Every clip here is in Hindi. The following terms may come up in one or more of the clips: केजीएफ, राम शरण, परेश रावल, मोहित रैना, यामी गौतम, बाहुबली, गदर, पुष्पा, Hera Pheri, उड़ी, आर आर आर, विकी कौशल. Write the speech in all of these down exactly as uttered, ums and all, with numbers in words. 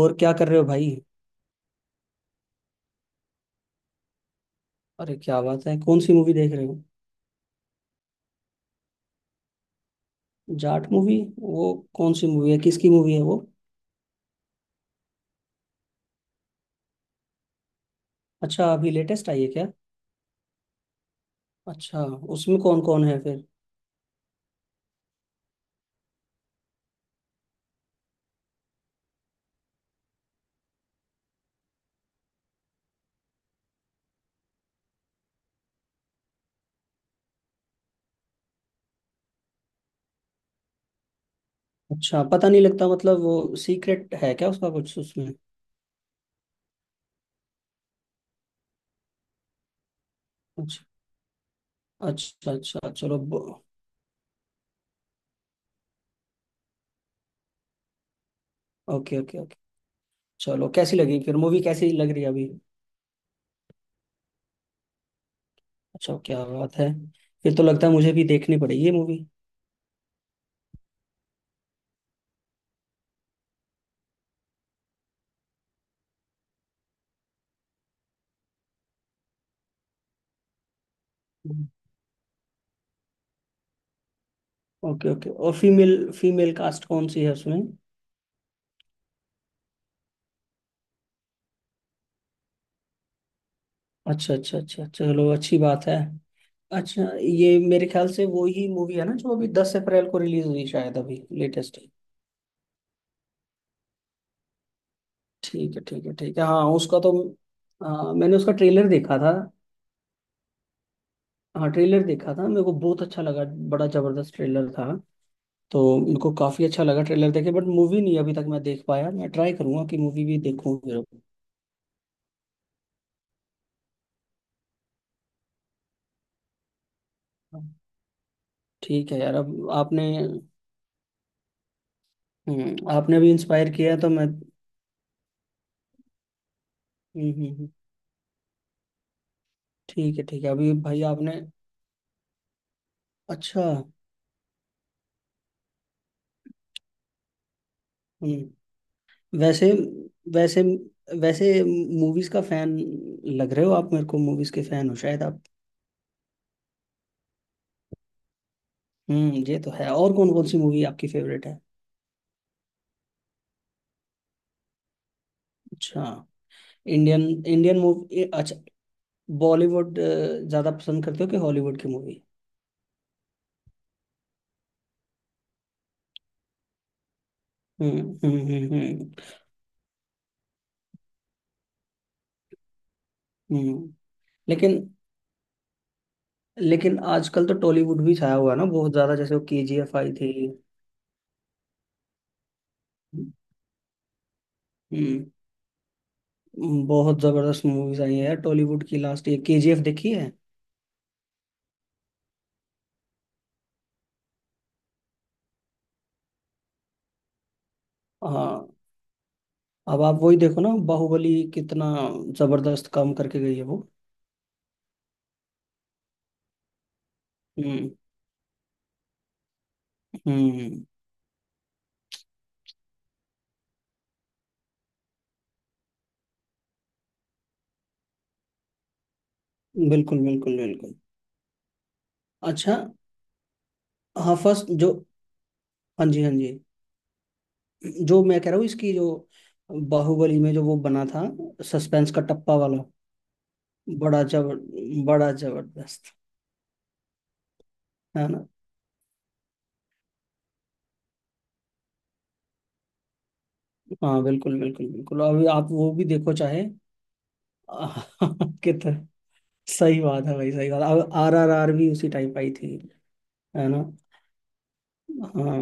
और क्या कर रहे हो भाई। अरे क्या बात है, कौन सी मूवी देख रहे हो? जाट मूवी वो कौन सी मूवी है, किसकी मूवी है वो? अच्छा, अभी लेटेस्ट आई है क्या? अच्छा। उसमें कौन कौन है फिर? अच्छा, पता नहीं लगता मतलब, वो सीक्रेट है क्या उसका कुछ उसमें? अच्छा अच्छा अच्छा, चलो। ओके ओके ओके, चलो कैसी लगी फिर मूवी, कैसी लग रही है अभी? अच्छा, क्या बात है। फिर तो लगता है मुझे भी देखनी पड़ेगी ये मूवी। ओके ओके, और फीमेल फीमेल कास्ट कौन सी है उसमें? अच्छा अच्छा अच्छा, चलो अच्छी बात है। अच्छा, ये मेरे ख्याल से वो ही मूवी है ना जो अभी दस अप्रैल को रिलीज हुई, शायद अभी लेटेस्ट। ठीक है ठीक है ठीक है, हाँ उसका तो आ, मैंने उसका ट्रेलर देखा था। हाँ ट्रेलर देखा था, मेरे को बहुत अच्छा लगा। बड़ा जबरदस्त ट्रेलर था। तो मेरे को काफी अच्छा लगा ट्रेलर देखे, बट मूवी नहीं अभी तक मैं देख पाया, मैं ट्राई करूंगा कि मूवी भी देखूं फिर। अब। ठीक है यार, अब आपने हम्म, आपने भी इंस्पायर किया है, तो मैं हम्म, हम्म, हम्म, ठीक है ठीक है अभी भाई आपने अच्छा हम्म। वैसे वैसे वैसे मूवीज का फैन लग रहे हो आप, मेरे को मूवीज के फैन हो शायद आप। हम्म, ये तो है। और कौन कौन सी मूवी आपकी फेवरेट है? अच्छा। इंडियन इंडियन मूवी, अच्छा। बॉलीवुड अ, ज्यादा पसंद करते हो कि हॉलीवुड की मूवी? हम्म हम्म हम्म हम्म। हम्म। लेकिन लेकिन आजकल तो टॉलीवुड भी छाया हुआ है ना बहुत ज्यादा, जैसे वो केजीएफ आई थी। हम्म। बहुत जबरदस्त मूवीज आई हैं यार टॉलीवुड की, लास्ट ये केजीएफ देखी है। हाँ। अब आप वही देखो ना बाहुबली कितना जबरदस्त काम करके गई है वो। हम्म। हम्म। बिल्कुल बिल्कुल बिल्कुल। अच्छा। हाँ फर्स्ट जो, हाँ जी हाँ जी, जो मैं कह रहा हूँ इसकी जो, बाहुबली में जो वो बना था, सस्पेंस का टप्पा वाला, बड़ा जबर बड़ा जबरदस्त। है ना। हाँ बिल्कुल बिल्कुल बिल्कुल, अभी आप वो भी देखो चाहे। कितना सही बात है भाई, सही बात। अब आर आर आर भी उसी टाइप आई थी, है ना। हाँ,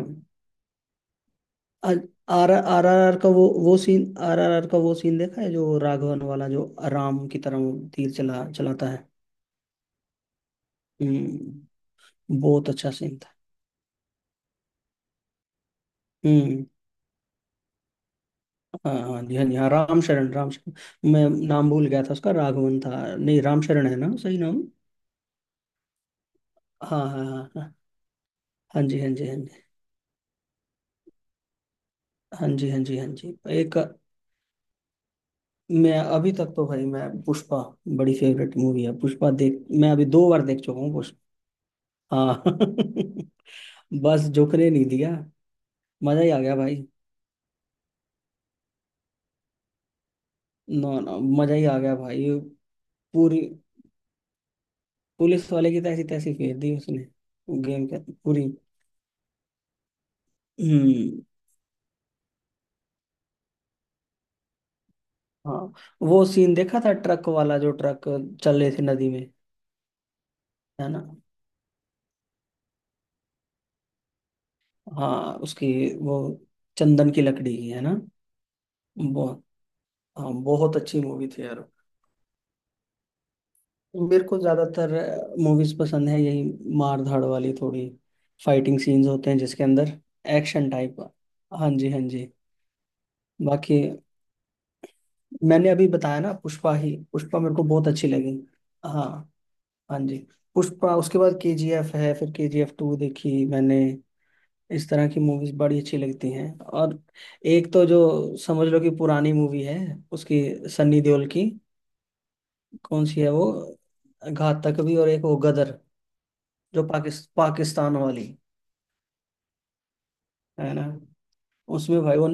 आर आर आर आर का वो वो सीन, आर आर आर का वो सीन देखा है जो राघवन वाला, जो राम की तरह वो तीर चला चलाता है। हम्म। बहुत अच्छा सीन था। हम्म। हाँ हाँ जी हाँ जी हाँ, राम शरण राम शरण, मैं नाम भूल गया था उसका, राघवन था नहीं, राम शरण है ना सही नाम। हाँ हाँ हाँ हाँ, हाँ जी हाँ जी हाँ जी हाँ जी हाँ जी हाँ जी एक। मैं अभी तक तो भाई, मैं पुष्पा, बड़ी फेवरेट मूवी है पुष्पा, देख मैं अभी दो बार देख चुका हूँ पुष्पा। हाँ। बस झुकने नहीं दिया। मजा ही आ गया भाई। नो नो मजा ही आ गया भाई। पूरी, पुलिस वाले की तैसी तैसी फेर दी उसने। गेम के पूरी। हम्म। हाँ, वो सीन देखा था ट्रक वाला, जो ट्रक चल रहे थे नदी में। है ना। हाँ उसकी वो चंदन की लकड़ी की है ना। बहुत। हाँ बहुत अच्छी मूवी थी यार। मेरे को ज्यादातर मूवीज पसंद है, यही मार धाड़ वाली, थोड़ी फाइटिंग सीन्स होते हैं जिसके अंदर, एक्शन टाइप। हाँ जी हाँ जी। बाकी, मैंने अभी बताया ना पुष्पा ही, पुष्पा मेरे को बहुत अच्छी लगी। हाँ, हाँ जी। पुष्पा उसके बाद केजीएफ है, फिर केजीएफ टू देखी मैंने, इस तरह की मूवीज बड़ी अच्छी लगती हैं। और एक तो जो समझ लो कि पुरानी मूवी है, उसकी, सन्नी देओल की, कौन सी है वो, घात तक भी, और एक वो गदर, जो पाकिस, पाकिस्तान वाली। है ना। उसमें भाई वो,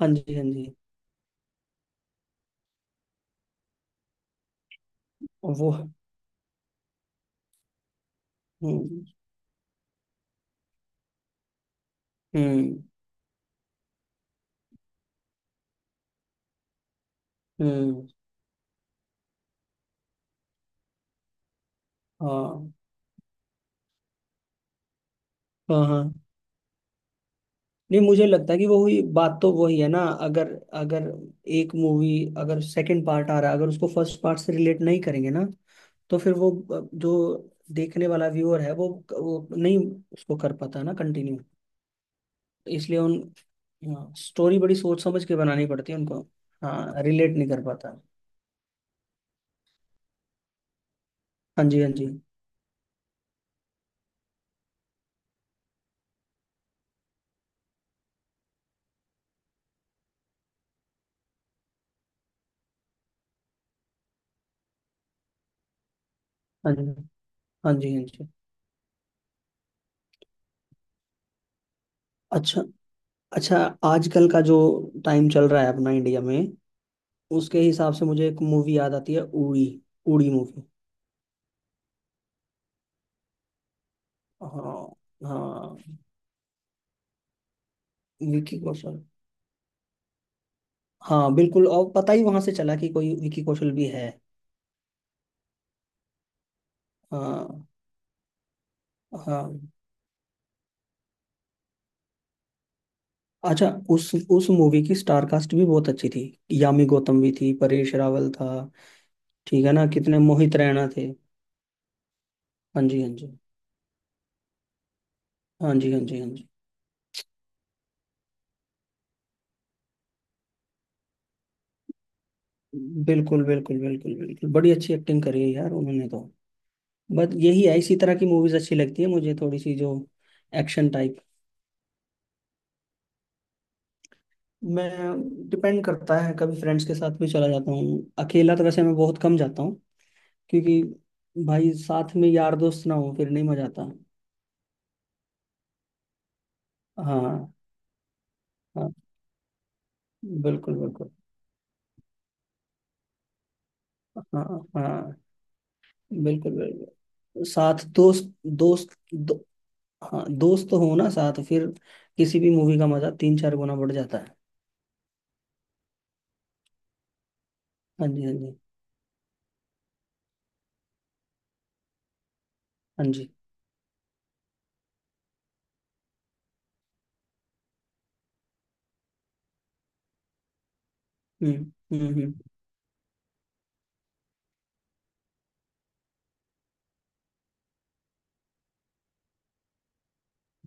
हाँ जी हाँ जी, वो, हम्म हम्म हम्म, हाँ हाँ हाँ, नहीं मुझे लगता है कि वो ही बात तो वही है ना। अगर, अगर एक मूवी, अगर सेकंड पार्ट आ रहा है, अगर उसको फर्स्ट पार्ट से रिलेट नहीं करेंगे ना, तो फिर वो अ, जो देखने वाला व्यूअर है वो वो नहीं उसको कर पाता ना कंटिन्यू, इसलिए उन, स्टोरी बड़ी सोच समझ के बनानी पड़ती है उनको। हाँ रिलेट नहीं कर पाता। हाँ जी हाँ जी हाँ जी हाँ जी हाँ जी। अच्छा अच्छा, आजकल का जो टाइम चल रहा है अपना इंडिया में, उसके हिसाब से मुझे एक मूवी याद आती है, उड़ी। उड़ी मूवी। हाँ। हाँ। विकी कौशल। हाँ बिल्कुल, और पता ही वहां से चला कि कोई विकी कौशल भी है। हाँ। हाँ। अच्छा, उस उस मूवी की स्टार कास्ट भी बहुत अच्छी थी, यामी गौतम भी थी, परेश रावल था। ठीक है ना, कितने मोहित रैना थे। हाँ जी हाँ जी हाँ जी हाँ जी हाँ जी। बिल्कुल बिल्कुल बिल्कुल बिल्कुल, बड़ी अच्छी एक्टिंग करी है यार उन्होंने तो। बस यही है, इसी तरह की मूवीज अच्छी लगती है मुझे, थोड़ी सी जो एक्शन टाइप। मैं, डिपेंड करता है, कभी फ्रेंड्स के साथ भी चला जाता हूँ, अकेला तो वैसे मैं बहुत कम जाता हूँ, क्योंकि भाई साथ में यार दोस्त ना हो फिर नहीं मजा आता। हाँ। हाँ बिल्कुल बिल्कुल। हाँ। हाँ बिल्कुल बिल्कुल, साथ दोस्त दोस्त दो, हाँ दोस्त हो ना साथ, फिर किसी भी मूवी का मजा तीन चार गुना बढ़ जाता है। हाँ जी हाँ जी हाँ जी। हम्म हम्म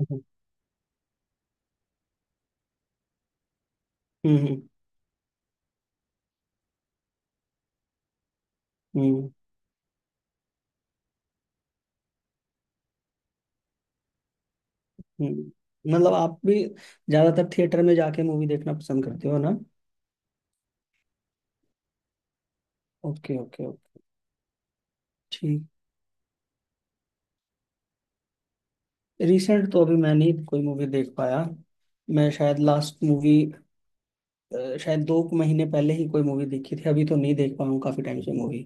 हम्म हम्म हम्म हम्म, हम्म। मतलब आप भी ज्यादातर थिएटर में जाके मूवी देखना पसंद करते हो ना। ओके ओके ओके, ठीक। रिसेंट तो अभी मैं नहीं कोई मूवी देख पाया, मैं शायद लास्ट मूवी, शायद दो महीने पहले ही कोई मूवी देखी थी, अभी तो नहीं देख पाया हूँ काफी टाइम से मूवी।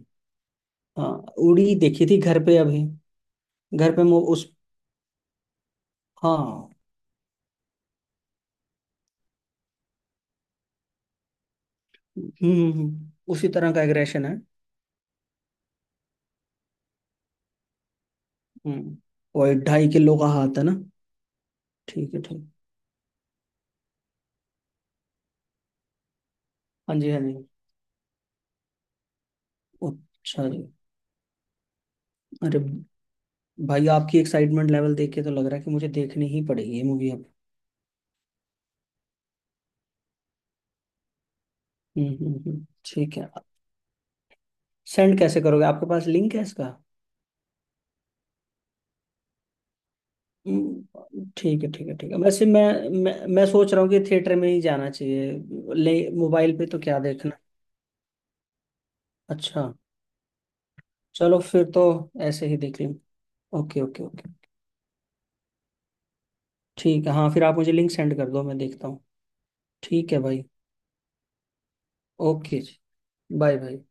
हाँ। उड़ी देखी थी घर पे अभी, घर पे मु- उस, हाँ हम्म हम्म, हम्म, उसी तरह का एग्रेशन है। हम्म, वही ढाई किलो का हाथ है ना। ठीक है ठीक। हाँ जी हाँ जी। अच्छा जी। अरे भाई आपकी एक्साइटमेंट लेवल देख के तो लग रहा है कि मुझे देखनी ही पड़ेगी ये मूवी अब। हम्म हम्म हम्म, ठीक है। सेंड कैसे करोगे, आपके पास लिंक है इसका? हम्म, ठीक है ठीक है ठीक है, वैसे मैं, मैं मैं सोच रहा हूँ कि थिएटर में ही जाना चाहिए, ले मोबाइल पे तो क्या देखना। अच्छा। चलो फिर तो ऐसे ही देख लेंगे। Okay okay okay. ठीक है, हाँ फिर आप मुझे लिंक सेंड कर दो, मैं देखता हूँ। ठीक है भाई। ओके जी। बाय भाई।